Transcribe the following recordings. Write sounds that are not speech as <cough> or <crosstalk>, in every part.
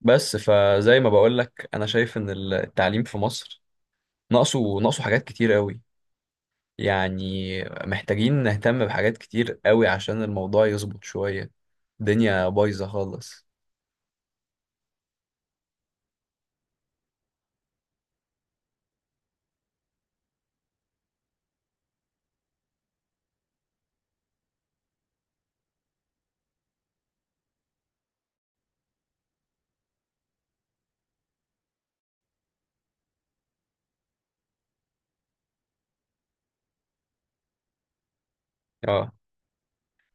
بس فزي ما بقول لك انا شايف ان التعليم في مصر ناقصه حاجات كتير قوي، يعني محتاجين نهتم بحاجات كتير قوي عشان الموضوع يظبط شوية. الدنيا بايظة خالص. اه،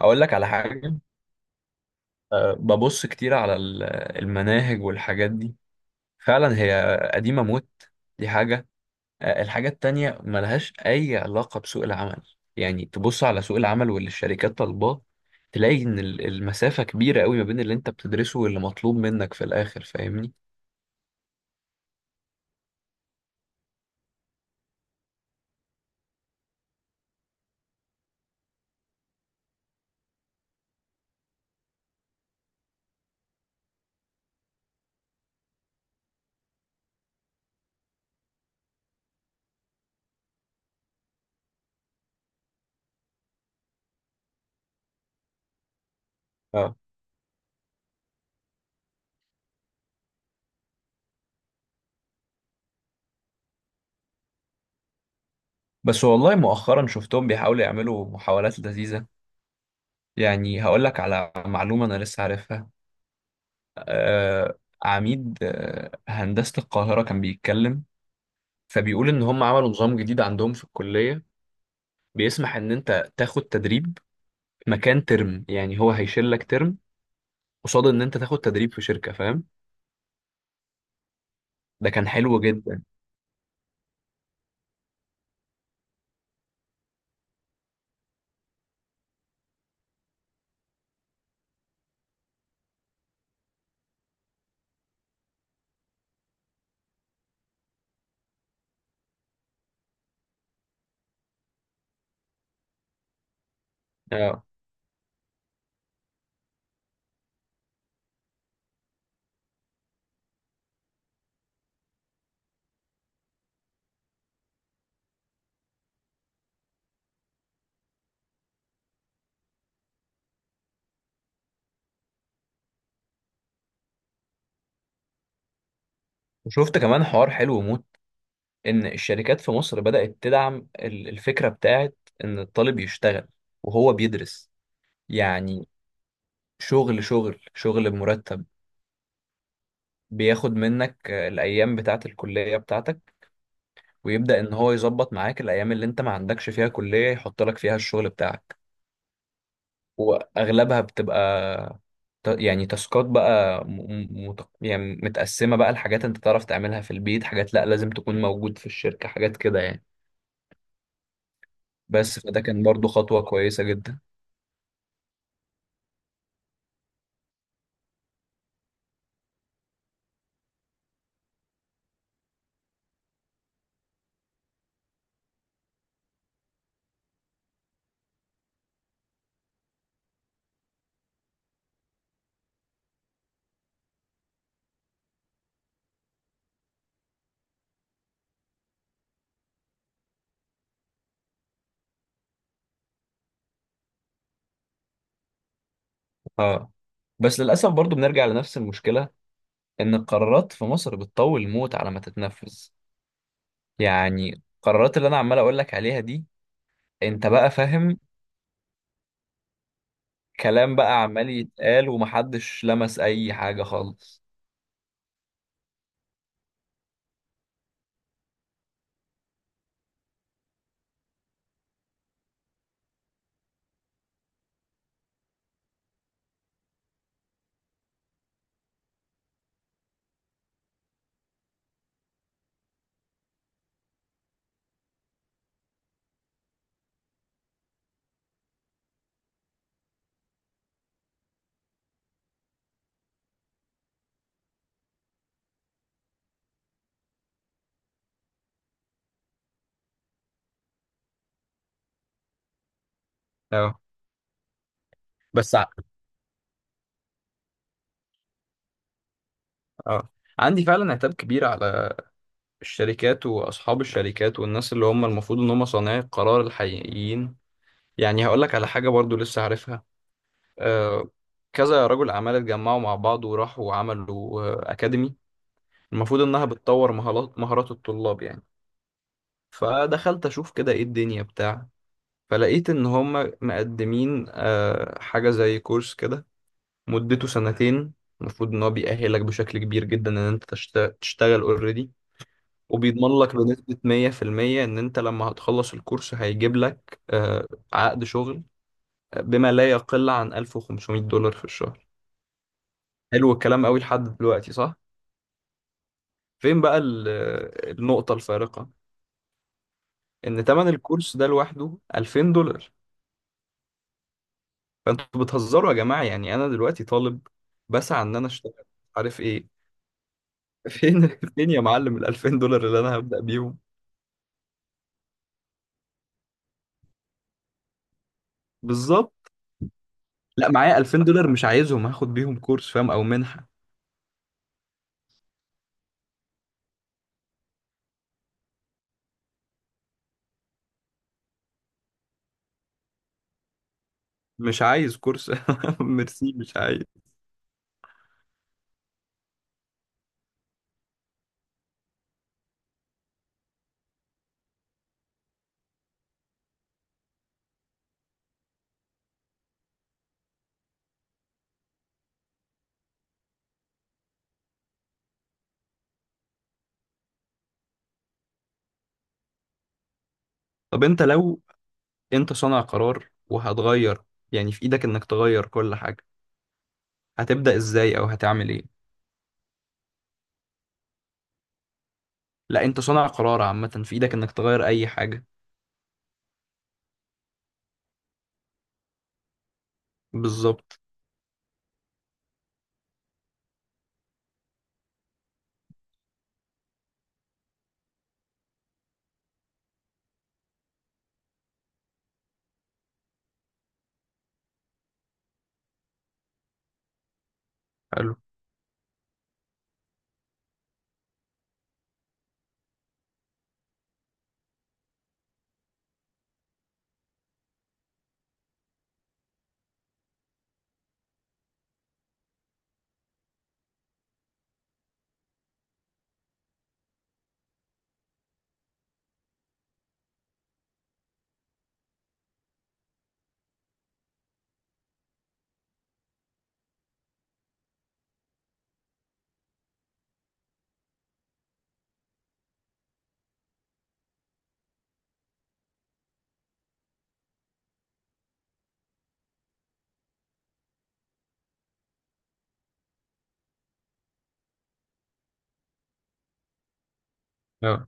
اقول لك على حاجة. أه، ببص كتير على المناهج والحاجات دي، فعلا هي قديمة موت. دي حاجة. الحاجة التانية ملهاش أي علاقة بسوق العمل، يعني تبص على سوق العمل واللي الشركات طالباه تلاقي إن المسافة كبيرة قوي ما بين اللي أنت بتدرسه واللي مطلوب منك في الآخر. فاهمني؟ اه. بس والله مؤخرا شفتهم بيحاولوا يعملوا محاولات لذيذة. يعني هقول لك على معلومة أنا لسه عارفها. آه، عميد آه هندسة القاهرة كان بيتكلم، فبيقول إن هم عملوا نظام جديد عندهم في الكلية، بيسمح إن أنت تاخد تدريب مكان ترم، يعني هو هيشيل لك ترم قصاد ان انت تاخد تدريب في شركه. فاهم؟ ده كان حلو جدا. اه، وشفت كمان حوار حلو موت، ان الشركات في مصر بدات تدعم الفكره بتاعت ان الطالب يشتغل وهو بيدرس. يعني شغل بمرتب، بياخد منك الايام بتاعه الكليه بتاعتك، ويبدا ان هو يظبط معاك الايام اللي انت ما عندكش فيها كليه يحط لك فيها الشغل بتاعك، واغلبها بتبقى يعني تاسكات بقى يعني متقسمه بقى لحاجات انت تعرف تعملها في البيت، حاجات لا لازم تكون موجود في الشركه، حاجات كده يعني. بس فده كان برضو خطوه كويسه جدا. اه. بس للاسف برضو بنرجع لنفس المشكله، ان القرارات في مصر بتطول موت على ما تتنفذ. يعني القرارات اللي انا عمال اقول لك عليها دي، انت بقى فاهم، كلام بقى عمال يتقال ومحدش لمس اي حاجه خالص. اه. بس ع- اه، عندي فعلا عتاب كبير على الشركات واصحاب الشركات والناس اللي هم المفروض ان هم صانعي القرار الحقيقيين. يعني هقول لك على حاجه برضو لسه عارفها. آه، كذا رجل اعمال اتجمعوا مع بعض وراحوا وعملوا آه اكاديمي المفروض انها بتطور مهارات الطلاب يعني. فدخلت اشوف كده ايه الدنيا بتاع، فلقيت ان هم مقدمين آه حاجه زي كورس كده، مدته سنتين، المفروض ان هو بيأهلك بشكل كبير جدا ان انت تشتغل اوريدي. وبيضمن لك بنسبة 100% إن أنت لما هتخلص الكورس هيجيب لك آه، عقد شغل آه، بما لا يقل عن 1500 دولار في الشهر. حلو الكلام قوي لحد دلوقتي، صح؟ فين بقى آه، النقطة الفارقة؟ إن تمن الكورس ده لوحده 2000 دولار. فأنتوا بتهزروا يا جماعة، يعني أنا دلوقتي طالب بسعى إن أنا أشتغل، عارف إيه؟ <laughs> فين فين يا معلم ال 2000 دولار اللي أنا هبدأ بيهم؟ بالظبط. لا، معايا 2000 دولار مش عايزهم هاخد بيهم كورس، فاهم؟ أو منحة. مش عايز كورس. <laughs> ميرسي، مش عايز. طب انت لو انت صانع قرار وهتغير، يعني في ايدك انك تغير كل حاجة، هتبدأ ازاي او هتعمل ايه؟ لا، انت صانع قرار عامة، في ايدك انك تغير اي حاجة. بالظبط. حلو. اه،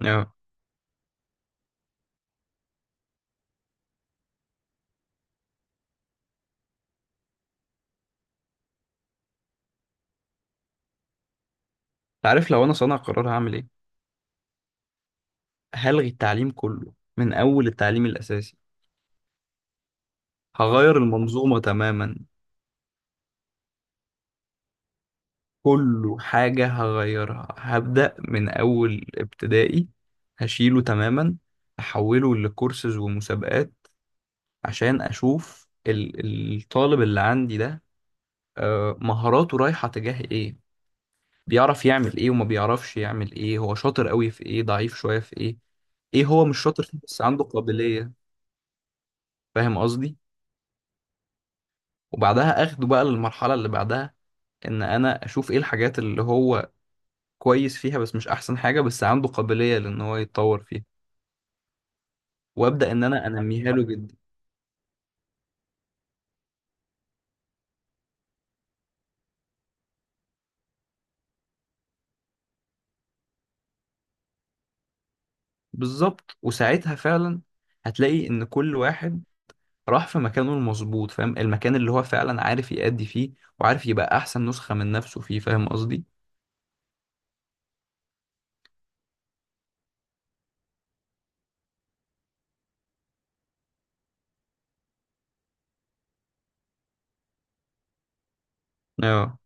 اه. عارف لو انا صانع قرار هعمل ايه؟ هلغي التعليم كله من اول التعليم الاساسي. هغير المنظومة تماما، كله حاجة هغيرها. هبدأ من اول ابتدائي، هشيله تماما، احوله لكورسز ومسابقات، عشان اشوف الطالب اللي عندي ده آه، مهاراته رايحة تجاه ايه، بيعرف يعمل ايه وما بيعرفش يعمل ايه، هو شاطر قوي في ايه، ضعيف شوية في ايه، ايه هو مش شاطر فيه بس عنده قابلية. فاهم قصدي؟ وبعدها اخده بقى للمرحلة اللي بعدها، ان انا اشوف ايه الحاجات اللي هو كويس فيها بس مش احسن حاجة بس عنده قابلية لان هو يتطور فيها، وابدا ان انا انميها له جدا. بالظبط. وساعتها فعلا هتلاقي ان كل واحد راح في مكانه المظبوط، فاهم المكان اللي هو فعلا عارف يأدي فيه وعارف يبقى احسن نسخة من نفسه فيه. فاهم قصدي؟ اه.